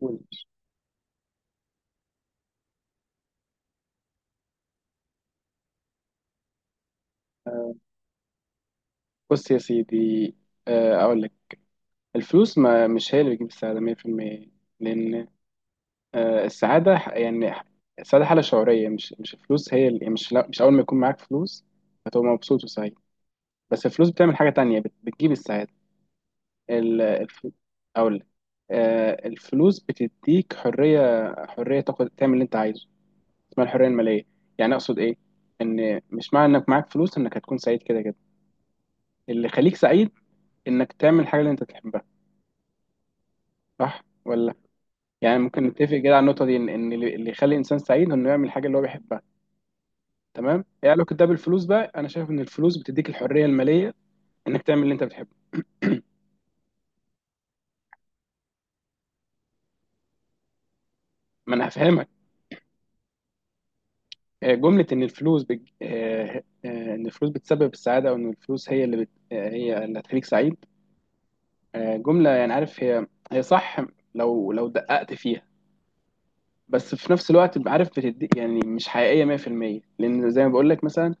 قول. آه، بص يا سيدي. أقول لك، الفلوس ما مش هي اللي بتجيب السعادة 100%، لأن السعادة السعادة حالة شعورية. مش الفلوس هي اللي مش أول ما يكون معاك فلوس هتبقى مبسوط وسعيد. بس الفلوس بتعمل حاجة تانية، بتجيب السعادة. ال- الف... أقول لك، الفلوس بتديك حرية، حرية تاخد تعمل اللي أنت عايزه. اسمها الحرية المالية. يعني أقصد إيه؟ إن مش معنى إنك معاك فلوس إنك هتكون سعيد كده كده. اللي يخليك سعيد إنك تعمل الحاجة اللي أنت تحبها، صح ولا؟ يعني ممكن نتفق كده على النقطة دي، إن اللي يخلي الإنسان سعيد إنه يعمل الحاجة اللي هو بيحبها. تمام؟ إيه علاقة ده بالفلوس بقى؟ أنا شايف إن الفلوس بتديك الحرية المالية إنك تعمل اللي أنت بتحبه. ما أنا هفهمك. جملة إن الفلوس بج... آه، آه، إن الفلوس بتسبب السعادة، أو إن الفلوس هي اللي بت... آه، هي اللي هتخليك سعيد، جملة، يعني عارف، هي صح لو دققت فيها. بس في نفس الوقت عارف، بتدي يعني مش حقيقية 100%، لأن زي ما بقول لك. مثلا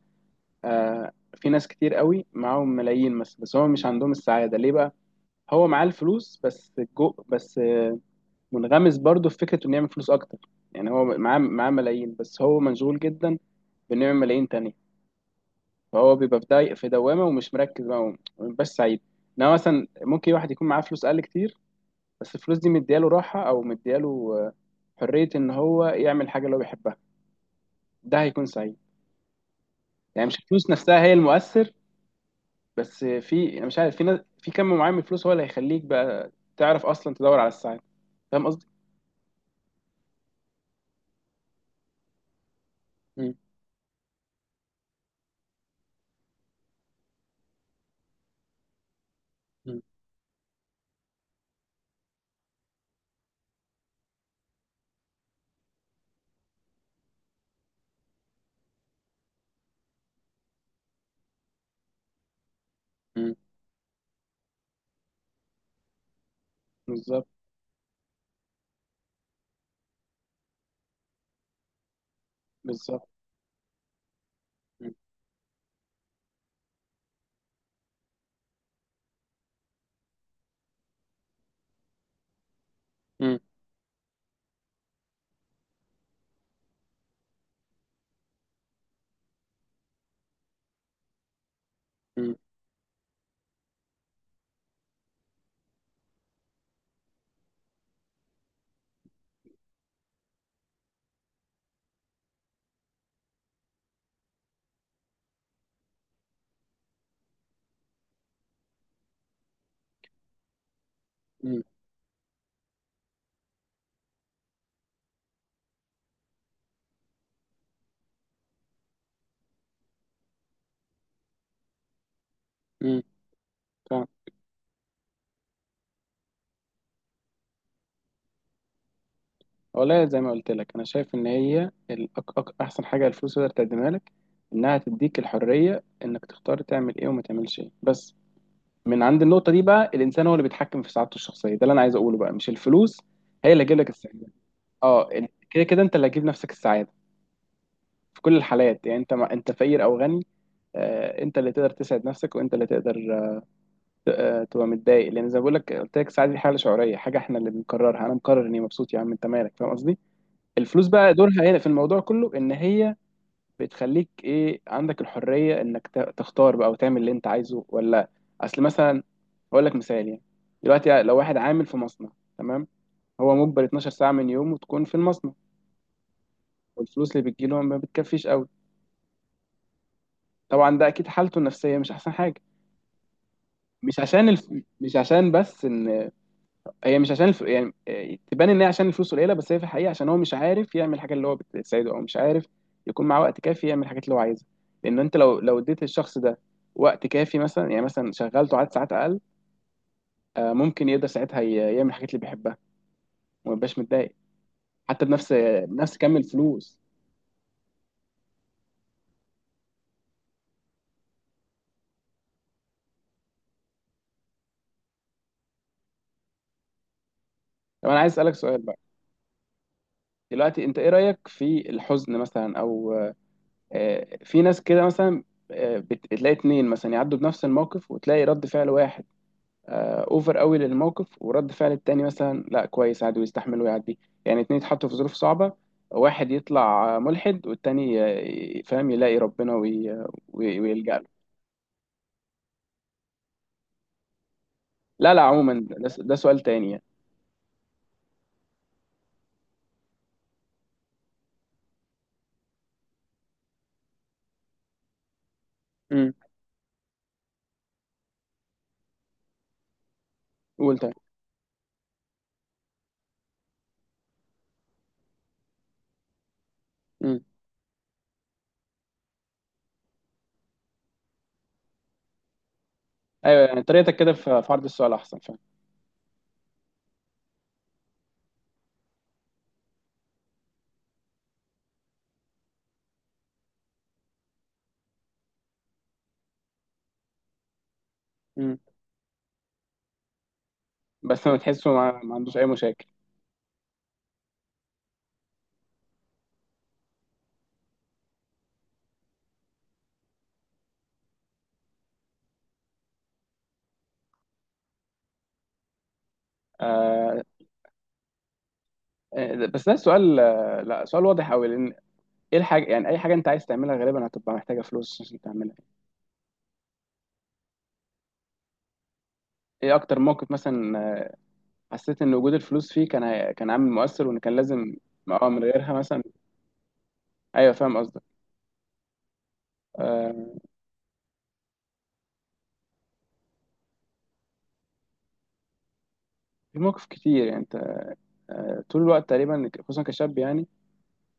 في ناس كتير قوي معاهم ملايين، بس هم مش عندهم السعادة. ليه بقى؟ هو معاه الفلوس، بس جو بس آه منغمس برضه في فكرة انه يعمل فلوس اكتر. يعني هو معاه ملايين، بس هو مشغول جدا بانه يعمل ملايين تانية. فهو بيبقى في دوامة ومش مركز بقى، بس سعيد. انما مثلا ممكن واحد يكون معاه فلوس اقل كتير، بس الفلوس دي مدياله راحة، او مدياله حرية إن هو يعمل حاجة اللي هو بيحبها. ده هيكون سعيد. يعني مش الفلوس نفسها هي المؤثر، بس في، انا مش عارف، في ناس في كم معين من الفلوس هو اللي هيخليك بقى تعرف اصلا تدور على السعادة. فاهم قصدي؟ مم. مم. مم. بالظبط. بالظبط. مم. مم. مم. مم. مم. فاهم. والله زي ما قلت لك، انا شايف ان هي احسن حاجة الفلوس تقدر تقدمها لك، انها تديك الحرية انك تختار تعمل ايه وما تعملش ايه، بس من عند النقطة دي بقى الانسان هو اللي بيتحكم في سعادته الشخصية. ده اللي انا عايز اقوله بقى، مش الفلوس هي اللي هتجيب لك السعادة. اه، كده كده انت اللي هتجيب نفسك السعادة في كل الحالات، يعني انت ما انت فقير او غني. انت اللي تقدر تسعد نفسك، وانت اللي تقدر تبقى متضايق، لان زي ما بقول لك، قلت لك السعاده دي حاله شعوريه، حاجه احنا اللي بنقررها. انا مقرر اني مبسوط، يا عم انت مالك، فاهم قصدي؟ الفلوس بقى دورها هنا في الموضوع كله ان هي بتخليك ايه، عندك الحريه انك تختار بقى وتعمل اللي انت عايزه ولا. اصل مثلا، اقول لك مثال يعني. دلوقتي لو واحد عامل في مصنع، تمام، هو مجبر 12 ساعه من يومه تكون في المصنع، والفلوس اللي بتجيله ما بتكفيش قوي. طبعا ده اكيد حالته النفسيه مش احسن حاجه. مش عشان الف... مش عشان بس ان مش عشان الف... يعني آه، تبان ان هي عشان الفلوس قليله، بس هي في الحقيقه عشان هو مش عارف يعمل الحاجه اللي هو بتساعده، او مش عارف يكون معاه وقت كافي يعمل الحاجات اللي هو عايزها. لان انت لو اديت الشخص ده وقت كافي، مثلا يعني مثلا شغلته عدد ساعات اقل، ممكن يقدر ساعتها يعمل الحاجات اللي بيحبها وما يبقاش متضايق، حتى بنفس كم الفلوس. طب انا عايز اسالك سؤال بقى. دلوقتي انت ايه رايك في الحزن مثلا، او في ناس كده مثلا، بتلاقي اتنين مثلا يعدوا بنفس الموقف، وتلاقي رد فعل واحد اوفر قوي للموقف، ورد فعل التاني مثلا لا، كويس، عادي ويستحمل ويعدي. يعني اتنين يتحطوا في ظروف صعبة، واحد يطلع ملحد، والتاني فاهم، يلاقي ربنا ويلجأ له. لا لا، عموما ده سؤال تاني يعني. امم. قول تاني. امم. ايوه، يعني طريقتك كده في عرض السؤال احسن، فاهم. امم. بس ما تحسه ما عندوش اي مشاكل. آه... بس ده سؤال، لا، سؤال واضح قوي. ايه الحاجة، يعني اي حاجة انت عايز تعملها غالبا هتبقى محتاجة فلوس عشان تعملها. ايه اكتر موقف مثلا حسيت ان وجود الفلوس فيه كان كان عامل مؤثر، وان كان لازم؟ اه، من غيرها مثلا. ايوه، فاهم قصدك. آه في مواقف كتير يعني. انت آه، طول الوقت تقريبا خصوصا كشاب يعني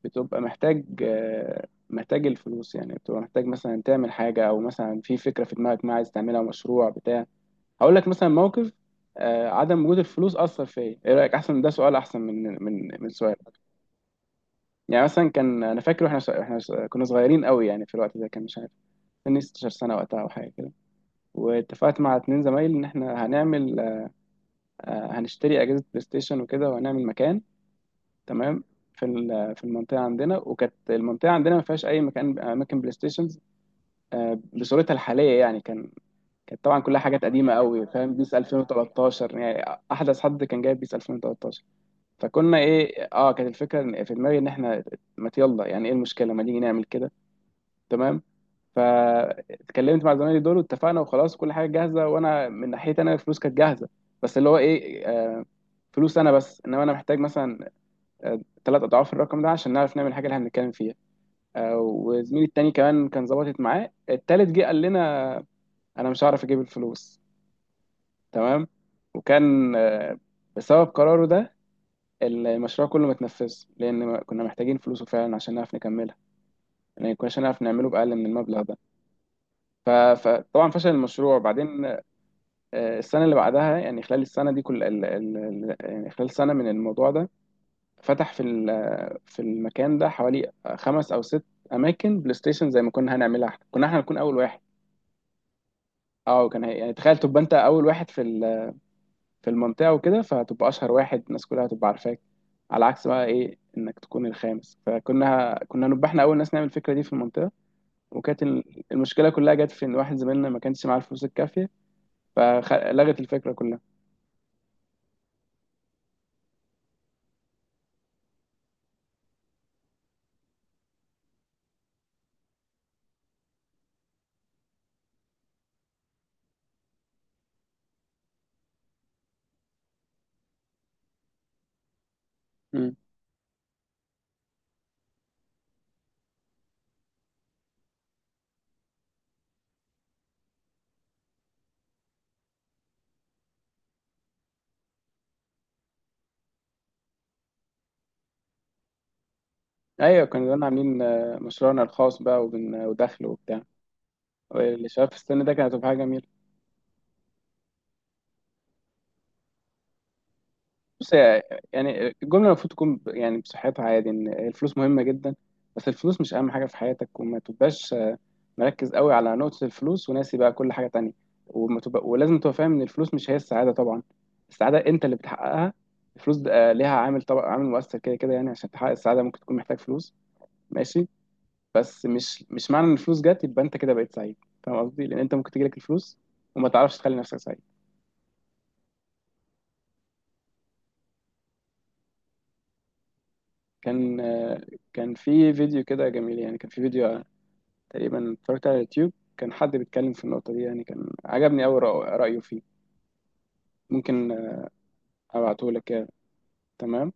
بتبقى محتاج، آه، محتاج الفلوس. يعني بتبقى محتاج مثلا تعمل حاجة، او مثلا في فكرة في دماغك ما عايز تعملها، مشروع بتاع. هقول لك مثلا موقف، عدم وجود الفلوس اثر فيا. ايه رايك احسن؟ ده سؤال احسن من سؤال. يعني مثلا، كان انا فاكر، واحنا كنا صغيرين قوي يعني، في الوقت ده كان مش عارف، سني 16 سنه وقتها، او حاجه كده. واتفقت مع اتنين زمايلي ان احنا هنعمل هنشتري اجهزه بلاي ستيشن وكده، وهنعمل مكان، تمام، في المنطقه عندنا. وكانت المنطقه عندنا ما فيهاش اي مكان، اماكن بلاي ستيشنز بصورتها الحاليه يعني. كان، كانت طبعا كلها حاجات قديمه قوي، فاهم، بيس 2013 يعني، احدث حد كان جايب بيس 2013. فكنا ايه، اه، كانت الفكره في دماغي ان احنا ما يلا يعني، ايه المشكله، ما نيجي نعمل كده، تمام. فاتكلمت مع زمايلي دول واتفقنا، وخلاص كل حاجه جاهزه، وانا من ناحيتي انا الفلوس كانت جاهزه. بس اللي هو ايه، فلوس انا بس، انما انا محتاج مثلا ثلاث اضعاف الرقم ده عشان نعرف نعمل الحاجه اللي هنتكلم فيها. وزميلي التاني كمان كان ظبطت معاه، التالت جه قال لنا انا مش هعرف اجيب الفلوس، تمام. وكان بسبب قراره ده المشروع كله ما اتنفذش لان كنا محتاجين فلوسه فعلا عشان نعرف نكملها. يعني كناش هنعرف نعمله باقل من المبلغ ده. ف- فطبعا فشل المشروع بعدين. السنة اللي بعدها يعني، خلال السنة دي، كل ال... ال... ال... يعني خلال سنة من الموضوع ده فتح في المكان ده حوالي خمس أو ست أماكن بلاي ستيشن، زي ما كنا هنعملها احنا. كنا احنا نكون أول واحد. اه، يعني تخيل تبقى أنت أول واحد في المنطقة وكده، فتبقى أشهر واحد، الناس كلها تبقى عارفاك، على عكس بقى إيه إنك تكون الخامس. فكنا، نبقى احنا أول ناس نعمل الفكرة دي في المنطقة. وكانت المشكلة كلها جت في إن واحد زميلنا ما كانش معاه الفلوس الكافية، فلغت الفكرة كلها. ايوه، كنا زمان عاملين مشروعنا الخاص بقى، ودخل وبتاع. اللي شاف السن ده، كانت هتبقى حاجه جميله. بص يا- يعني الجمله المفروض تكون يعني بصحتها عادي، ان الفلوس مهمه جدا، بس الفلوس مش اهم حاجه في حياتك، وما تبقاش مركز قوي على نقطه الفلوس وناسي بقى كل حاجه تانية. وما تبقى، ولازم تبقى فاهم ان الفلوس مش هي السعاده طبعا، السعاده انت اللي بتحققها. الفلوس ده، ليها عامل، طبعا عامل مؤثر كده كده، يعني عشان تحقق السعاده ممكن تكون محتاج فلوس، ماشي. بس مش معنى ان الفلوس جت يبقى انت كده بقيت سعيد، فاهم قصدي؟ لان انت ممكن تجيلك الفلوس وما تعرفش تخلي نفسك سعيد. كان كان في فيديو كده جميل يعني، كان في فيديو تقريبا اتفرجت على اليوتيوب، كان حد بيتكلم في النقطة دي، يعني كان عجبني أوي رأيه فيه. ممكن أبعته لك كده، تمام.